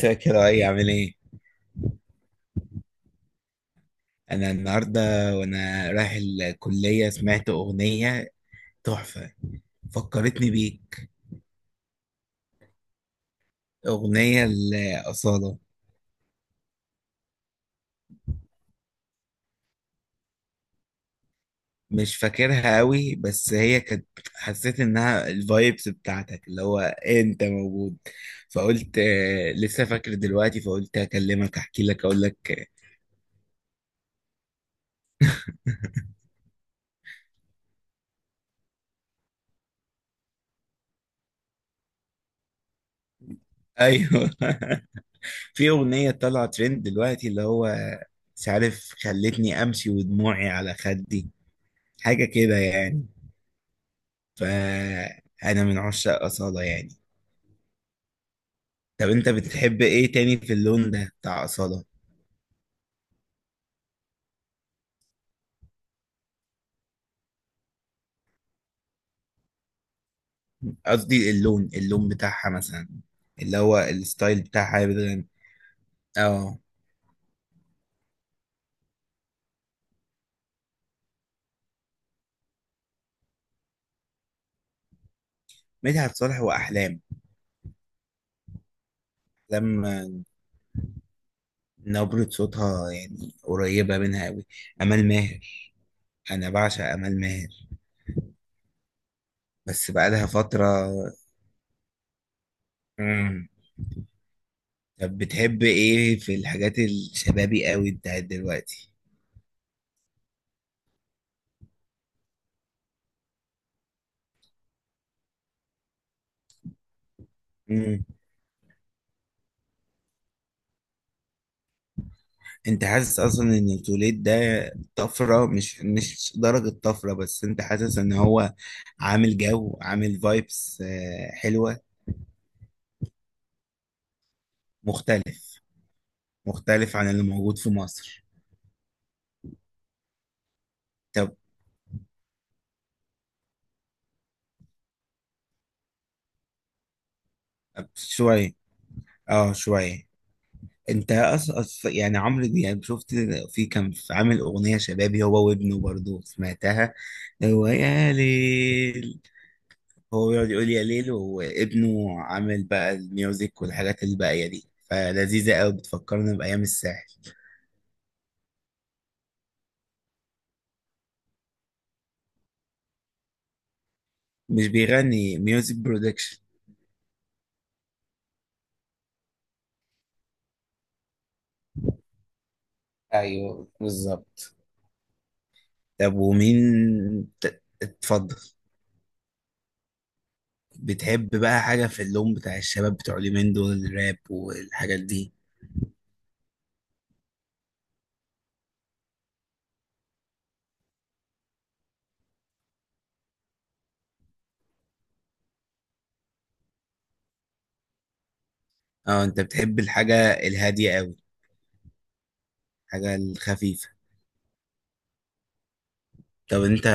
فاكر اي عامل ايه؟ انا النهارده وانا رايح الكليه سمعت اغنيه تحفه، فكرتني بيك. اغنيه الاصاله. مش فاكرها قوي، بس هي كانت، حسيت انها الفايبس بتاعتك اللي هو انت موجود. فقلت آه، لسه فاكر دلوقتي، فقلت اكلمك، احكي لك، اقول لك. ايوه في اغنيه طالعه ترند دلوقتي اللي هو مش عارف، خلتني امشي ودموعي على خدي، حاجه كده يعني. فأنا من عشاق أصالة يعني. طب أنت بتحب إيه تاني في اللون ده بتاع أصالة؟ قصدي اللون بتاعها مثلا، اللي هو الستايل بتاعها هي بتغني. اه. مدحت صالح وأحلام. لما نبرة صوتها يعني قريبة منها أوي. أمال ماهر. أنا بعشق أمال ماهر، بس بقالها فترة. مم. طب بتحب إيه في الحاجات الشبابي أوي بتاعت دلوقتي؟ انت حاسس اصلا ان التوليد ده طفره، مش درجه طفره بس. انت حاسس ان هو عامل جو، عامل فايبس. حلوه. مختلف مختلف عن اللي موجود في مصر. طب. شويه. اه، شويه. انت اصلا، يعني عمرو دياب، شفت، في كان، في عامل اغنيه شبابي، هو وابنه برضه سمعتها. هو يا ليل. هو بيقعد يقول يا ليل، وابنه عامل بقى الميوزك والحاجات الباقية دي، فلذيذة قوي، بتفكرنا بأيام الساحل. مش بيغني، ميوزك برودكشن. ايوه بالظبط. طب ومين اتفضل. بتحب بقى حاجة في اللون بتاع الشباب بتوع اليومين دول، الراب والحاجات دي؟ اه، انت بتحب الحاجة الهادية قوي، الحاجة الخفيفة. طب انت،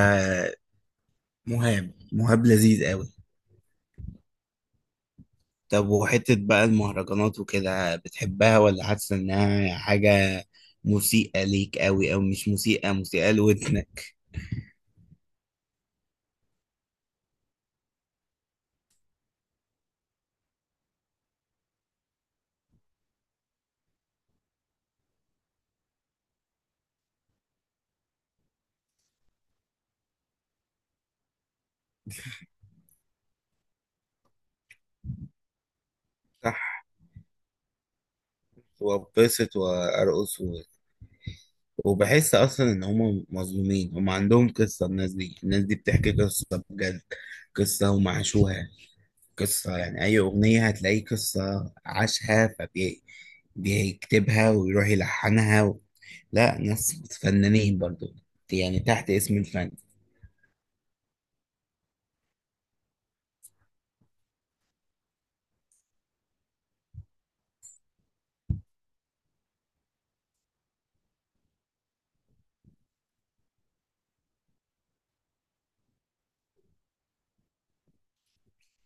مهاب لذيذ قوي. طب وحتة بقى المهرجانات وكده بتحبها، ولا حاسة إنها حاجة مسيئة ليك أوي؟ أو مش مسيئة، مسيئة لودنك. صح. وأتبسط وأرقص وبحس أصلا إن هما مظلومين، هما عندهم قصة. الناس دي بتحكي قصة بجد، قصة هما عاشوها، قصة يعني أي أغنية هتلاقي قصة عاشها، فبيكتبها ويروح يلحنها لا، ناس فنانين برضو، يعني تحت اسم الفن.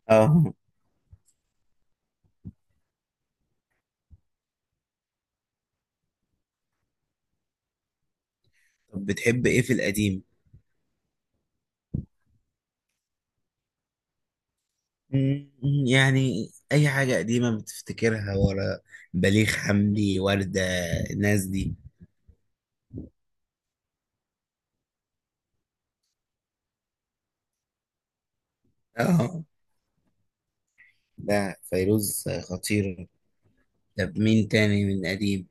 اه. طب بتحب ايه في القديم؟ مم. يعني اي حاجة قديمة بتفتكرها ورا، بليغ حمدي، وردة، الناس دي. اه، لا، فيروز خطير. طب مين تاني من قديم؟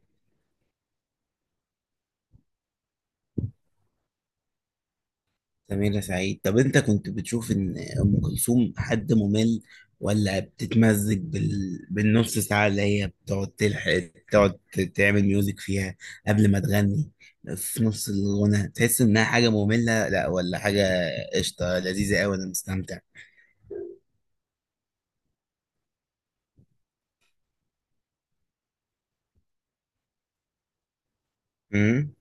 سميرة سعيد. طب انت كنت بتشوف ان ام كلثوم حد ممل، ولا بتتمزج بالنص ساعة اللي هي بتقعد تلحق، تقعد تعمل ميوزك فيها قبل ما تغني؟ في نص الغنى تحس انها حاجة مملة، لا ولا حاجة؟ قشطة لذيذة قوي، انا مستمتع. امم.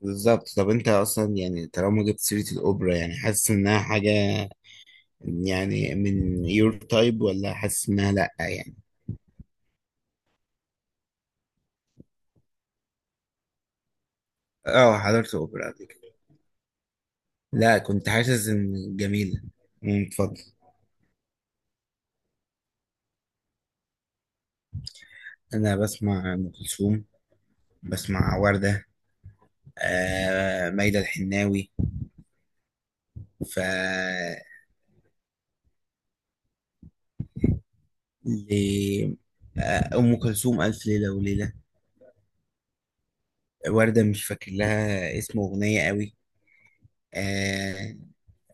بالظبط. طب انت اصلا يعني، طالما جبت سيرة الاوبرا، يعني حاسس انها حاجة يعني من يور تايب، ولا حاسس انها لا يعني؟ اه، حضرت اوبرا قبل كده. لا، كنت حاسس ان جميلة. امم، اتفضل. انا بسمع ام كلثوم، بسمع وردة، آه ميادة الحناوي. ف ل- آه، ام كلثوم الف ليلة وليلة. وردة، مش فاكر لها اسم اغنية قوي. آه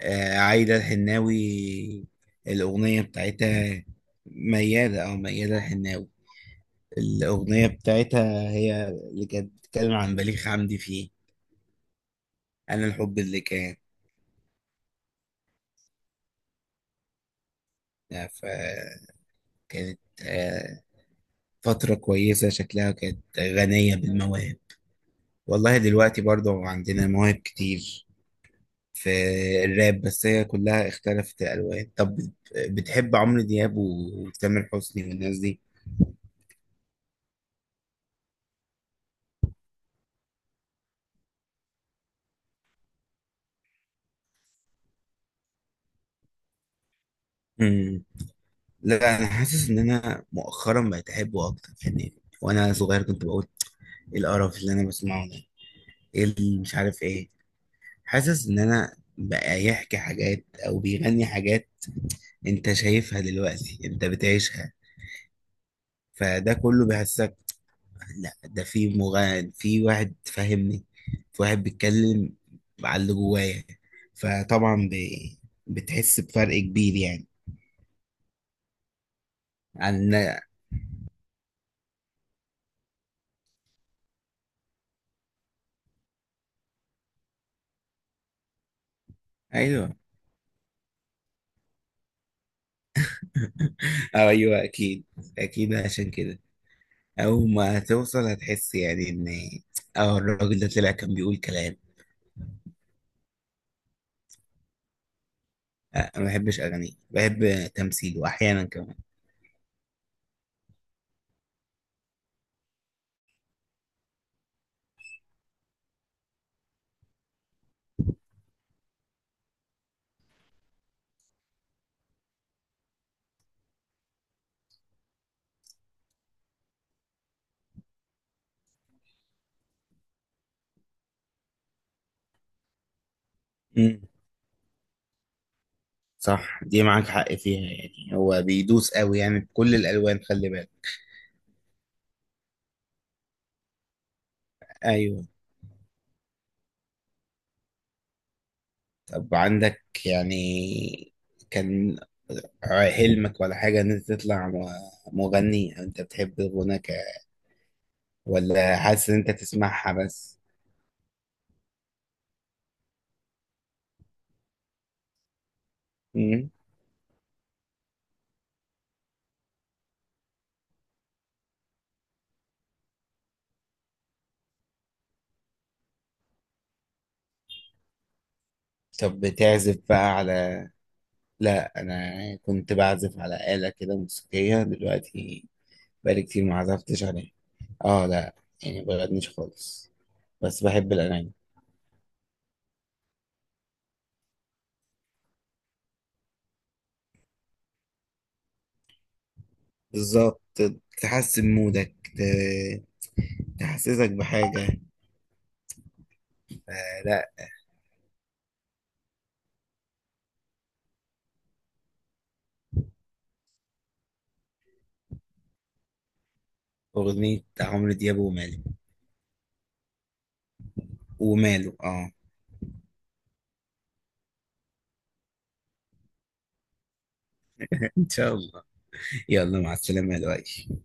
آه، عايدة الحناوي. الاغنية بتاعتها، ميادة او ميادة الحناوي. الاغنية بتاعتها هي اللي كانت بتتكلم عن بليغ حمدي فيه. انا الحب اللي كان. آه، ف كانت فترة كويسة، شكلها كانت غنية بالمواهب. والله دلوقتي برضو عندنا مواهب كتير في الراب، بس هي كلها اختلفت الألوان. طب بتحب عمرو دياب وتامر حسني والناس دي؟ مم. لا، أنا حاسس إن أنا مؤخرا بقيت أحبه أكتر يعني. وأنا صغير كنت بقول إيه القرف اللي أنا بسمعه ده؟ إيه اللي مش عارف إيه. حاسس إن أنا بقى يحكي حاجات أو بيغني حاجات أنت شايفها دلوقتي، أنت بتعيشها، فده كله بيحسك. لا، ده في مغني، في واحد فاهمني، في واحد بيتكلم على اللي جوايا، فطبعا بتحس بفرق كبير يعني. عن ايوه أو ايوه اكيد. اكيد عشان كده اول ما توصل هتحس يعني ان، اه الراجل ده طلع كان بيقول كلام. أه، انا ما بحبش اغانيه، بحب تمثيله احيانا كمان. امم. صح، دي معاك حق فيها، يعني هو بيدوس قوي يعني بكل الالوان، خلي بالك. ايوه. طب عندك يعني، كان حلمك ولا حاجة إن أنت تطلع مغني، أو أنت بتحب الغنى ولا حاسس إن أنت تسمعها بس؟ مم؟ طب بتعزف بقى لا، أنا كنت بعزف على آلة كده موسيقية دلوقتي. بقالي كتير ما عزفتش عليها. آه لا، يعني مبغنيش خالص، بس بحب الأغاني. بالظبط، تحسن مودك، تحسسك بحاجة. آه لا، أغنية عمرو دياب ومالك. وماله، اه. ان شاء الله. يلا مع السلامة يا لؤي.